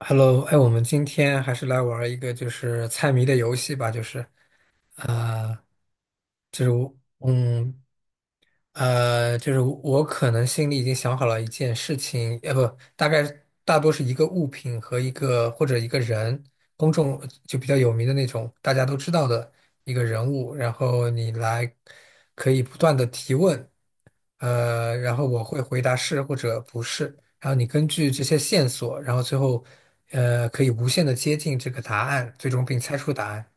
Hello，哎，我们今天还是来玩儿一个就是猜谜的游戏吧。就是，啊，嗯，就是我可能心里已经想好了一件事情。不，大概大多是一个物品和一个或者一个人，公众就比较有名的那种，大家都知道的一个人物，然后你来可以不断的提问。然后我会回答是或者不是，然后你根据这些线索，然后最后可以无限的接近这个答案，最终并猜出答案。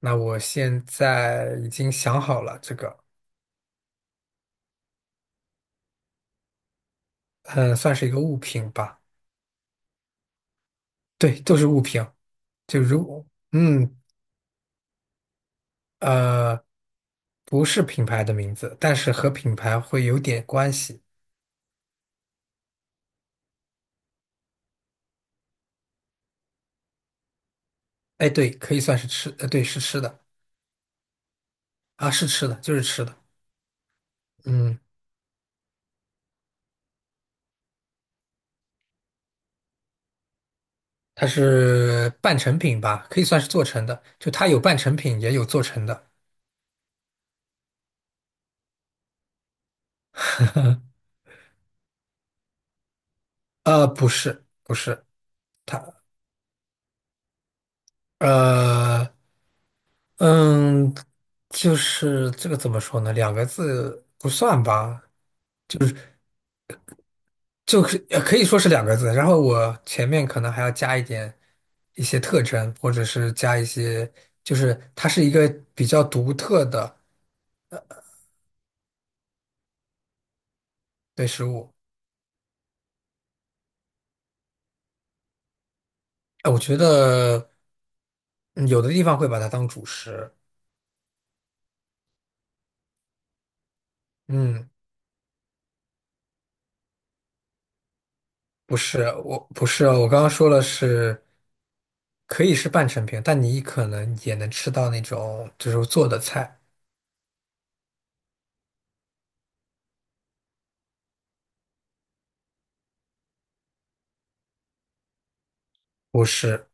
那我现在已经想好了这个。嗯，算是一个物品吧。对，都是物品。就如嗯呃，不是品牌的名字，但是和品牌会有点关系。哎，对，可以算是吃，对，是吃的。啊，是吃的，就是吃的。嗯，它是半成品吧，可以算是做成的。就它有半成品，也有做成的。不是，不是。呃，嗯，就是这个怎么说呢？两个字不算吧，就是可以说是两个字，然后我前面可能还要加一点一些特征，或者是加一些，就是它是一个比较独特的。对食物。哎，我觉得嗯有的地方会把它当主食。嗯，不是，我不是哦，我刚刚说了是可以是半成品，但你可能也能吃到那种就是做的菜。不是。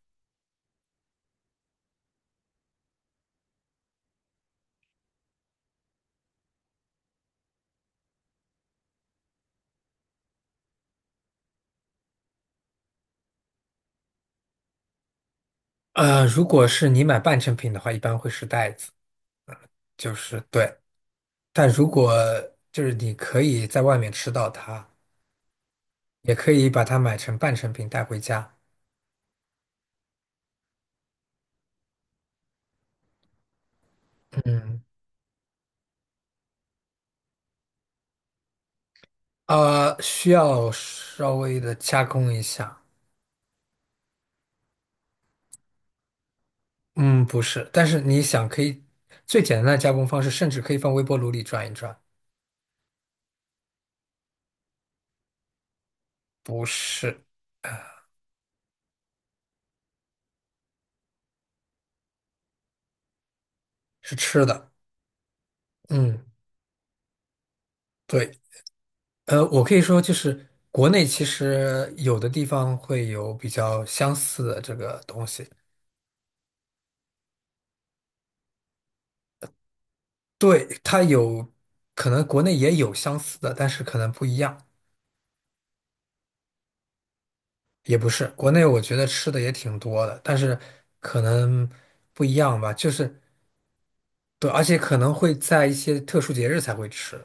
如果是你买半成品的话，一般会是袋子，就是对。但如果就是你可以在外面吃到它，也可以把它买成半成品带回家。嗯，啊、需要稍微的加工一下。嗯，不是，但是你想可以最简单的加工方式，甚至可以放微波炉里转一转。不是，是吃的。嗯，对。我可以说就是国内其实有的地方会有比较相似的这个东西。对，它有可能国内也有相似的，但是可能不一样。也不是，国内我觉得吃的也挺多的，但是可能不一样吧，就是对，而且可能会在一些特殊节日才会吃，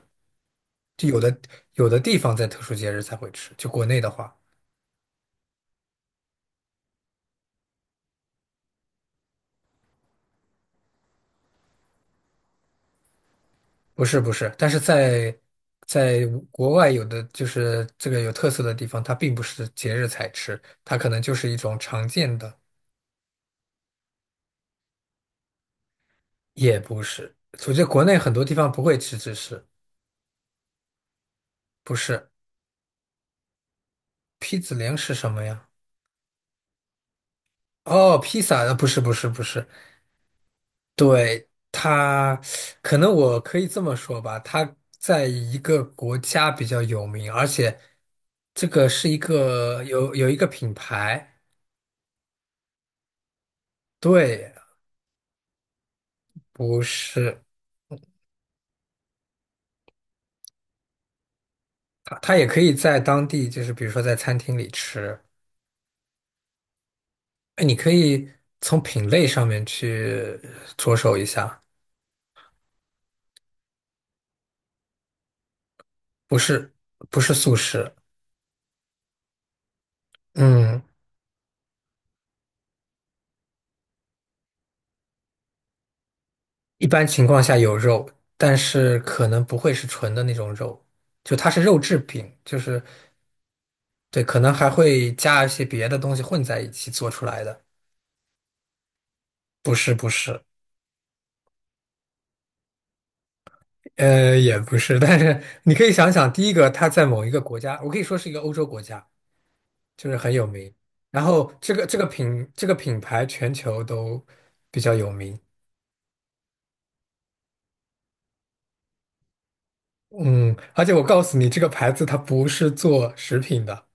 就有的有的地方在特殊节日才会吃，就国内的话，不是不是，但是在国外有的就是这个有特色的地方，它并不是节日才吃，它可能就是一种常见的。也不是，我觉得国内很多地方不会吃芝士，不是。披子零是什么呀？哦，披萨，不是不是不是。对，他，可能我可以这么说吧，他在一个国家比较有名，而且这个是一个有一个品牌。对，不是。他他也可以在当地，就是比如说在餐厅里吃。哎，你可以从品类上面去着手一下。不是不是素食。嗯，一般情况下有肉，但是可能不会是纯的那种肉。就它是肉制品，就是对，可能还会加一些别的东西混在一起做出来的。不是不是，也不是，但是你可以想想，第一个它在某一个国家，我可以说是一个欧洲国家，就是很有名。然后这个这个品这个品牌全球都比较有名。嗯，而且我告诉你，这个牌子它不是做食品的。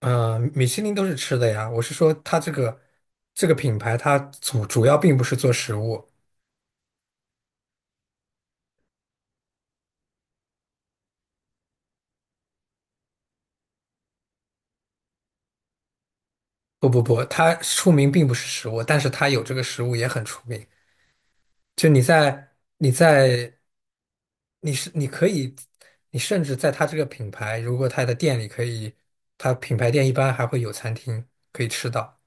嗯、米其林都是吃的呀，我是说它这个这个品牌它主要并不是做食物。不不不，它出名并不是食物，但是它有这个食物也很出名。就你在你在你是你可以，你甚至在它这个品牌，如果它的店里可以，它品牌店一般还会有餐厅可以吃到。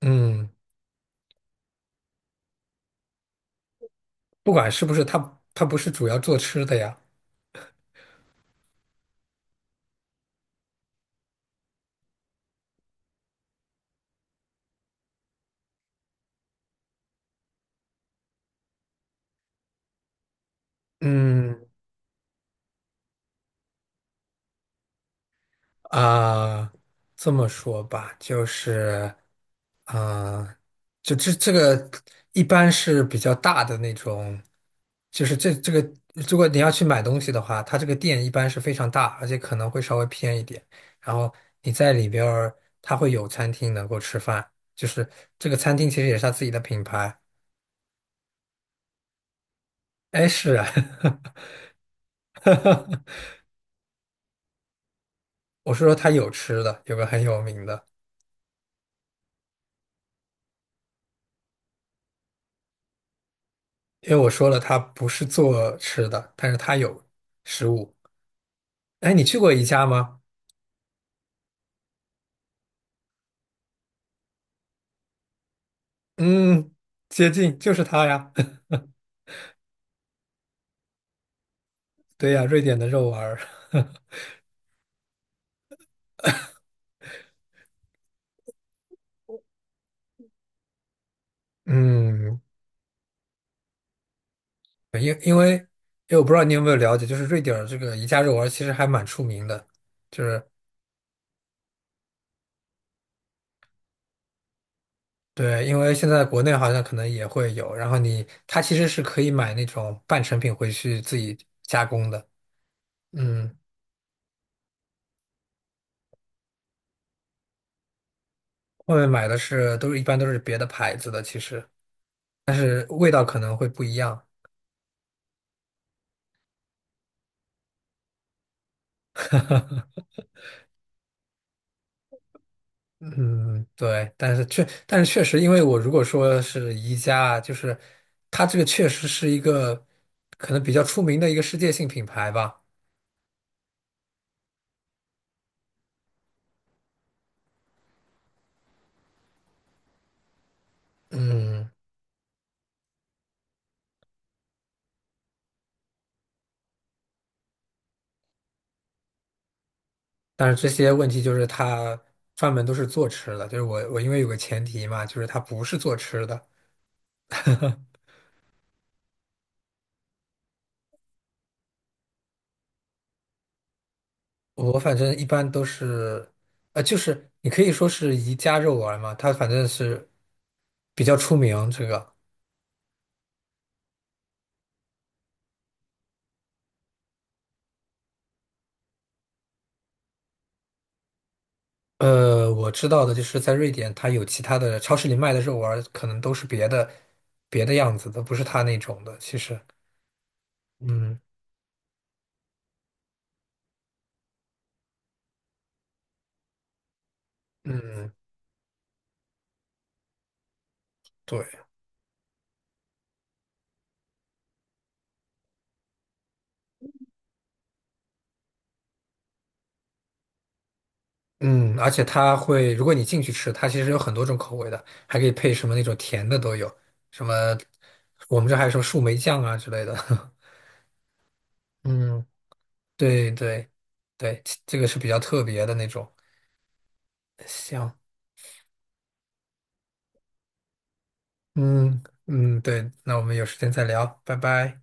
嗯，不管是不是它，它不是主要做吃的呀。嗯，啊，这么说吧，就是，啊，就一般是比较大的那种。就是这个，如果你要去买东西的话，它这个店一般是非常大，而且可能会稍微偏一点。然后你在里边儿，它会有餐厅能够吃饭，就是这个餐厅其实也是它自己的品牌。哎，是啊，我是说他有吃的，有个很有名的。因为我说了，他不是做吃的，但是他有食物。哎，你去过宜家吗？嗯，接近，就是它呀。对呀，瑞典的肉丸儿。嗯，因为我不知道你有没有了解，就是瑞典儿这个宜家肉丸儿其实还蛮出名的，就是对，因为现在国内好像可能也会有，然后你它其实是可以买那种半成品回去自己加工的。嗯，外面买的是都是一般都是别的牌子的，其实味道可能会不一样。嗯，对，但是确，但是确实，因为我如果说是宜家啊，就是它这个确实是一个可能比较出名的一个世界性品牌吧。嗯，但是这些问题就是它专门都是做吃的，就是我因为有个前提嘛，就是它不是做吃的。我反正一般都是，就是你可以说是宜家肉丸嘛，它反正是比较出名这个。我知道的就是在瑞典，它有其他的超市里卖的肉丸儿可能都是别的样子的，不是它那种的。其实，嗯嗯，对，嗯，而且它会，如果你进去吃，它其实有很多种口味的，还可以配什么那种甜的都有，什么我们这还有什么树莓酱啊之类的。嗯，对对对，这个是比较特别的那种。行，嗯嗯，对，那我们有时间再聊，拜拜。